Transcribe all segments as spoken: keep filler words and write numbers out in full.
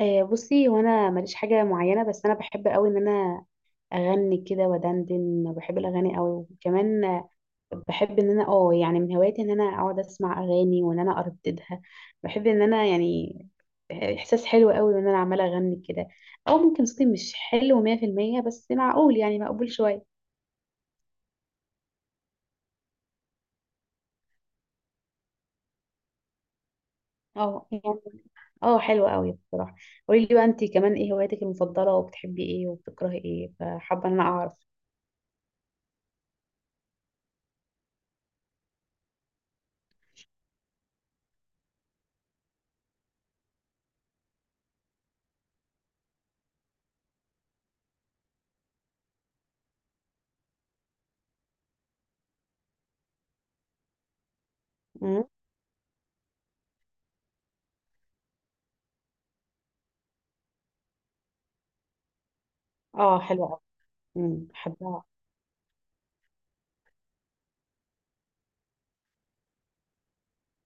آه، بصي، وانا ماليش حاجه معينه، بس انا بحب قوي ان انا اغني كده ودندن. بحب الاغاني قوي، وكمان آه، بحب ان انا اه يعني من هواياتي ان انا اقعد اسمع اغاني وان انا ارددها. بحب ان انا يعني احساس حلو قوي ان انا عماله اغني كده. او ممكن صوتي مش حلو مية في المية، بس معقول يعني مقبول شويه. اه يعني. اه حلو قوي بصراحه. قولي لي بقى، انت كمان ايه هواياتك المفضله؟ وبتحبي ايه وبتكرهي ايه؟ فحابه ان انا اعرف. مم. اه حلوه قوي. بحبها.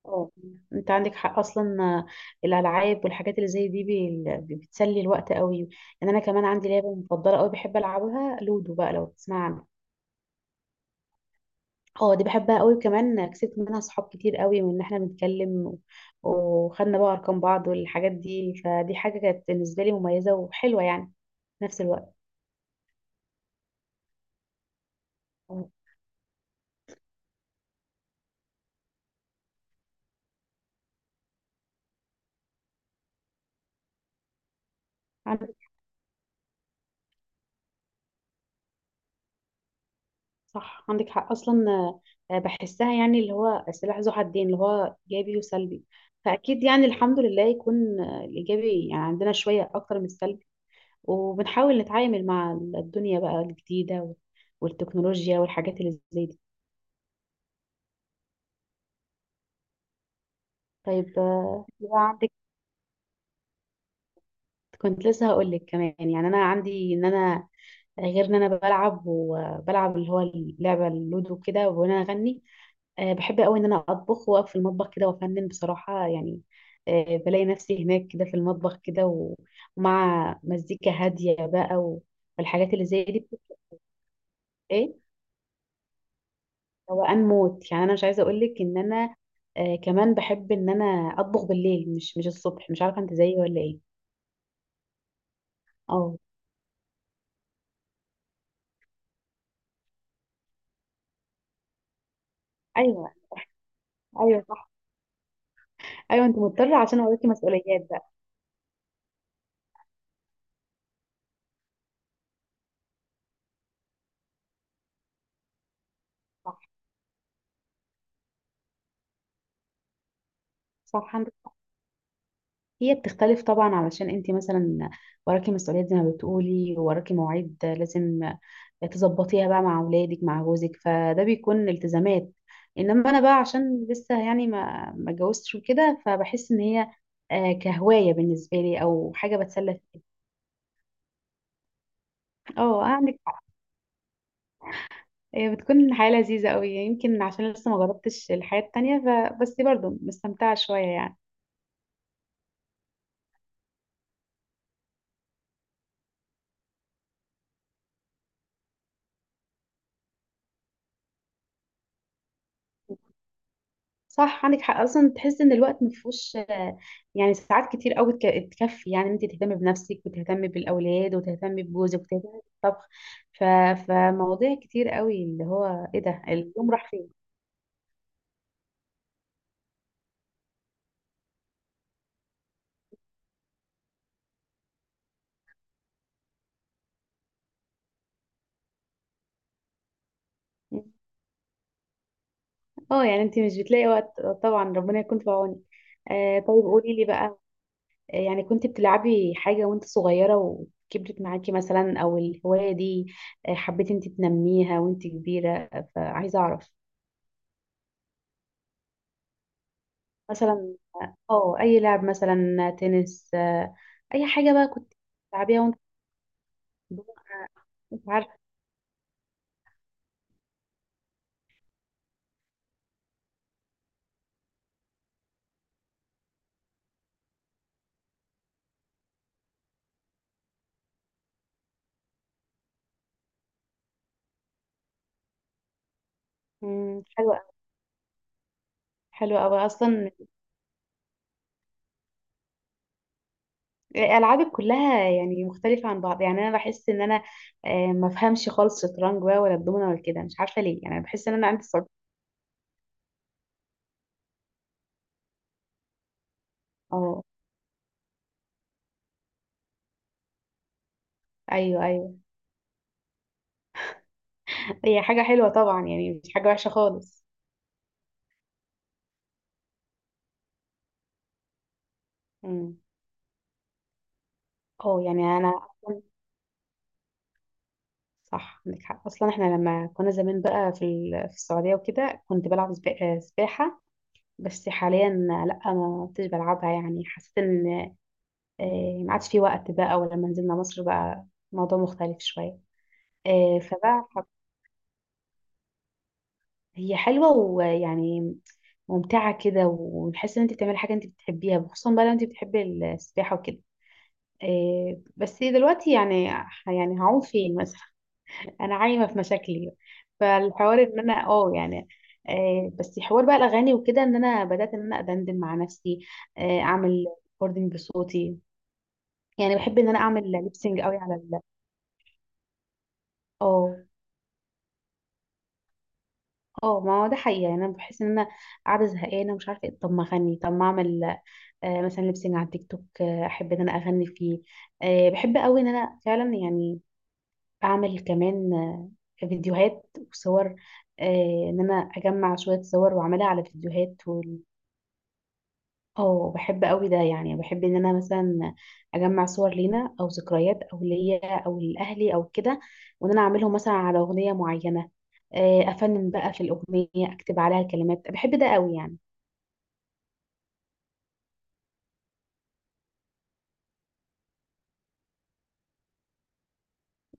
اه انت عندك حق اصلا. آه، الالعاب والحاجات اللي زي دي بي- بي- بتسلي الوقت قوي. يعني انا كمان عندي لعبه مفضله قوي بحب العبها، لودو بقى، لو تسمع عنها. اه دي بحبها قوي، وكمان كسبت منها صحاب كتير قوي، من ان احنا بنتكلم و- وخدنا بقى ارقام بعض والحاجات دي. فدي حاجه كانت بالنسبه لي مميزه وحلوه يعني، في نفس الوقت. اه. صح، عندك حق اصلا. آه، بحسها يعني اللي هو سلاح ذو حدين، اللي هو ايجابي وسلبي. فاكيد يعني الحمد لله يكون آه، الايجابي يعني عندنا شويه اكتر من السلبي. وبنحاول نتعامل مع الدنيا بقى الجديده وال- والتكنولوجيا والحاجات اللي زي دي. طيب آه، بقى عندك. كنت لسه هقول لك كمان، يعني انا عندي ان انا، غير ان انا بلعب، وبلعب اللي هو اللعبه اللودو كده وانا اغني، آه، بحب قوي ان انا اطبخ، واقف في المطبخ كده وافنن بصراحه يعني. آه، بلاقي نفسي هناك كده في المطبخ كده و- ومع مزيكا هاديه بقى و- والحاجات اللي زي دي بتبقى ايه، روقان موت يعني. انا مش عايزه اقول لك ان انا آه، كمان بحب ان انا اطبخ بالليل، مش مش الصبح. مش عارفه انت زيي ولا ايه. اه. ايوه. ايوه صح. ايوه، انت مضطره عشان وراكي مسؤوليات بقى. صح. صح، عندك. هي بتختلف طبعا، علشان انت مثلا وراكي مسؤوليات، زي ما بتقولي، وراكي مواعيد لازم تظبطيها بقى مع اولادك، مع جوزك. فده بيكون التزامات. انما انا بقى، عشان لسه يعني ما ما اتجوزتش وكده، فبحس ان هي آه، كهوايه بالنسبه لي، او حاجه بتسلى فيها. اه، عندك حق. هي بتكون حياه لذيذه قوي، يمكن عشان لسه ما جربتش الحياه التانية، فبس برضه مستمتعه شويه يعني. صح، عندك حق اصلا. تحس ان الوقت مفهوش آه، يعني ساعات كتير قوي تك- تكفي يعني انت تهتمي بنفسك، وتهتمي بالاولاد، وتهتمي بجوزك، وتهتمي بالطبخ. ف... فمواضيع كتير قوي، اللي هو ايه ده، اليوم راح فين. اه يعني انت مش بتلاقي وقت طبعا. ربنا يكون في عونك. آه طيب، قولي لي بقى، آه، يعني كنت بتلعبي حاجة وانت صغيرة وكبرت معاكي، مثلا، او الهواية دي آه، حبيتي انت تنميها وانت كبيرة؟ آه، فعايزة اعرف. مثلا اه اي لعب، مثلا تنس، آه، اي حاجه بقى كنت بتلعبيها وانت صغيرة. مش عارفه. مم، حلوه أوي- حلوه قوي اصلا. العابك كلها يعني مختلفه عن بعض. يعني انا بحس ان انا آه، ما بفهمش خالص الشطرنج بقى، ولا الدومنه، ولا كده. مش عارفه ليه، يعني بحس ان انا عندي صعوبه. اه، ايوه، ايوه. هي حاجه حلوه طبعا، يعني مش حاجه وحشه خالص. مم. اه يعني انا اصلا، صح، عندك حق اصلا. احنا لما كنا زمان بقى في ال- في السعوديه وكده، كنت بلعب سبا- آه، سباحه. بس حاليا لا، ما كنتش بلعبها. يعني حسيت ان آه، ما عادش في وقت بقى. ولما نزلنا مصر بقى، الموضوع مختلف شوية. آه، فبقى حب- هي حلوة، ويعني ممتعة كده، وتحس ان انت بتعملي حاجة انت بتحبيها، خصوصا بقى لو انت بتحبي السباحة وكده. آه، بس دلوقتي يعني يعني هعوم فين مثلا؟ انا عايمة في مشاكلي. فالحوار ان انا اه يعني، آه، بس حوار بقى الاغاني وكده، ان انا بدأت ان انا ادندن مع نفسي. آه، اعمل ريكوردنج بصوتي. يعني بحب ان انا اعمل ليبسينج قوي على ال... اه، اه، ما هو ده حقيقي. يعني انا بحس ان انا قاعده زهقانه ومش عارفه ايه. طب ما اغني، طب ما اعمل آه مثلا ليبسينج على التيك توك. آه احب ان انا اغني فيه. آه بحب قوي ان انا فعلا يعني اعمل كمان آه فيديوهات وصور. آه ان انا اجمع شويه صور واعملها على فيديوهات. اه، بحب قوي ده. يعني بحب ان انا مثلا اجمع صور لينا، او ذكريات، او ليا، او لاهلي، او كده، وان انا اعملهم مثلا على اغنيه معينه. آه، افنن بقى في الاغنيه، اكتب عليها الكلمات. بحب ده قوي يعني.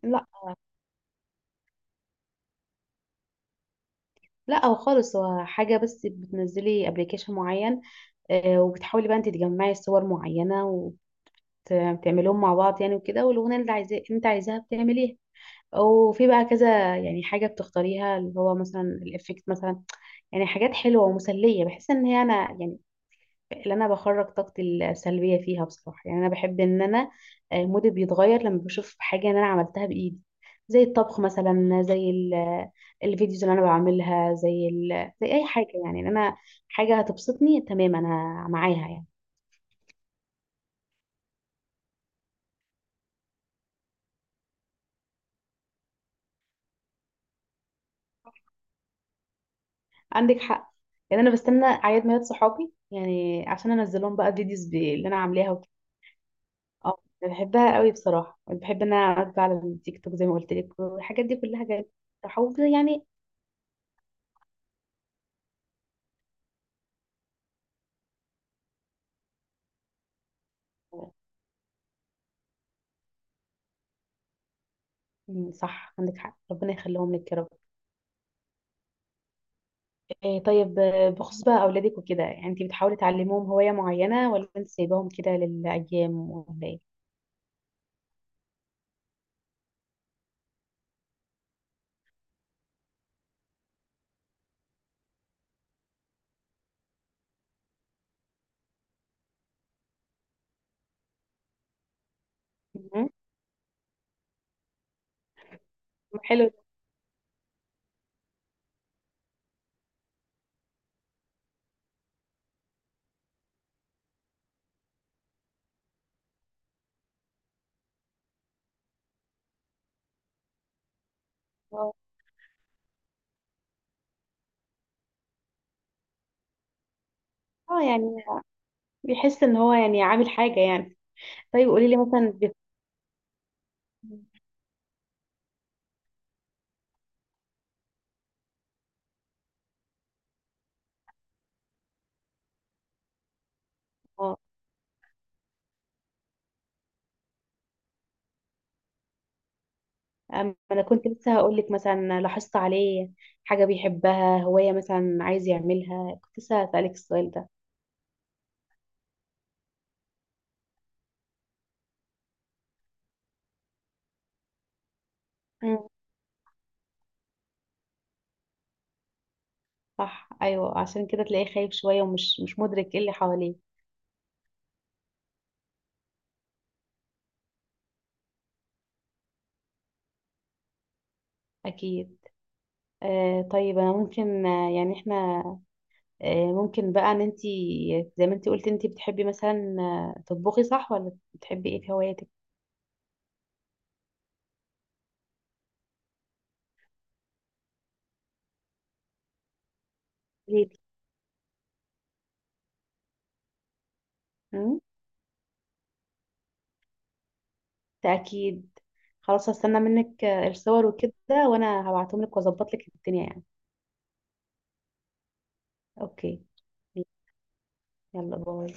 لا، لا، او خالص. هو حاجه بس، بتنزلي ابلكيشن معين، آه، وبتحاولي بقى انت تجمعي صور معينه وبتعملهم مع بعض يعني، وكده، والاغنيه اللي عايزاه انت عايزاها بتعمليها. وفي بقى كذا يعني حاجه بتختاريها، اللي هو مثلا الافكت مثلا. يعني حاجات حلوة ومسلية، بحس ان هي انا يعني، اللي انا بخرج طاقتي السلبية فيها بصراحة. يعني انا بحب ان انا، آه، مودي بيتغير لما بشوف حاجة ان انا عملتها بايدي. زي الطبخ مثلا، زي ال- الفيديوز اللي انا بعملها، زي ال... زي اي حاجة يعني ان انا، حاجة هتبسطني. تمام، انا معاها يعني. عندك حق. يعني انا بستنى اعياد ميلاد صحابي يعني، عشان انزلهم بقى فيديوز ب- اللي انا عاملاها. اه، أنا بحبها قوي بصراحه. بحب ان انا اقعد بقى على التيك توك زي ما قلت لك. والحاجات دي كلها جايه تحفظ يعني. مم، صح، عندك حق. ربنا يخليهم لك يا رب. إيه طيب، آه، بخصوص بقى اولادك وكده، يعني انت بتحاولي تعلميهم هوايه معينه، ولا انت سايباهم كده للايام، ولا ايه؟ مم. حلو. اه يعني بيحس ان هو يعني عامل حاجه يعني. طيب قولي لي مثلا بت... آه. أم- انا كنت لسه هقول لك، مثلا لاحظت عليه حاجه بيحبها، هوايه مثلا عايز يعملها؟ كنت لسه هسألك السؤال ده. مم. صح، ايوه، عشان كده تلاقيه خايف شويه، ومش مش مدرك ايه اللي حواليه. اكيد. آه طيب، انا ممكن آه، يعني احنا آه ممكن بقى ان انت، زي ما انت قلت، انت بتحبي مثلا آه، تطبخي، صح؟ ولا بتحبي ايه في هواياتك؟ ليه؟ مم؟ ده اكيد. خلاص، هستنى منك آه، الصور وكده، وانا هبعتهم لك واظبط لك الدنيا يعني. اوكي، يلا، باي.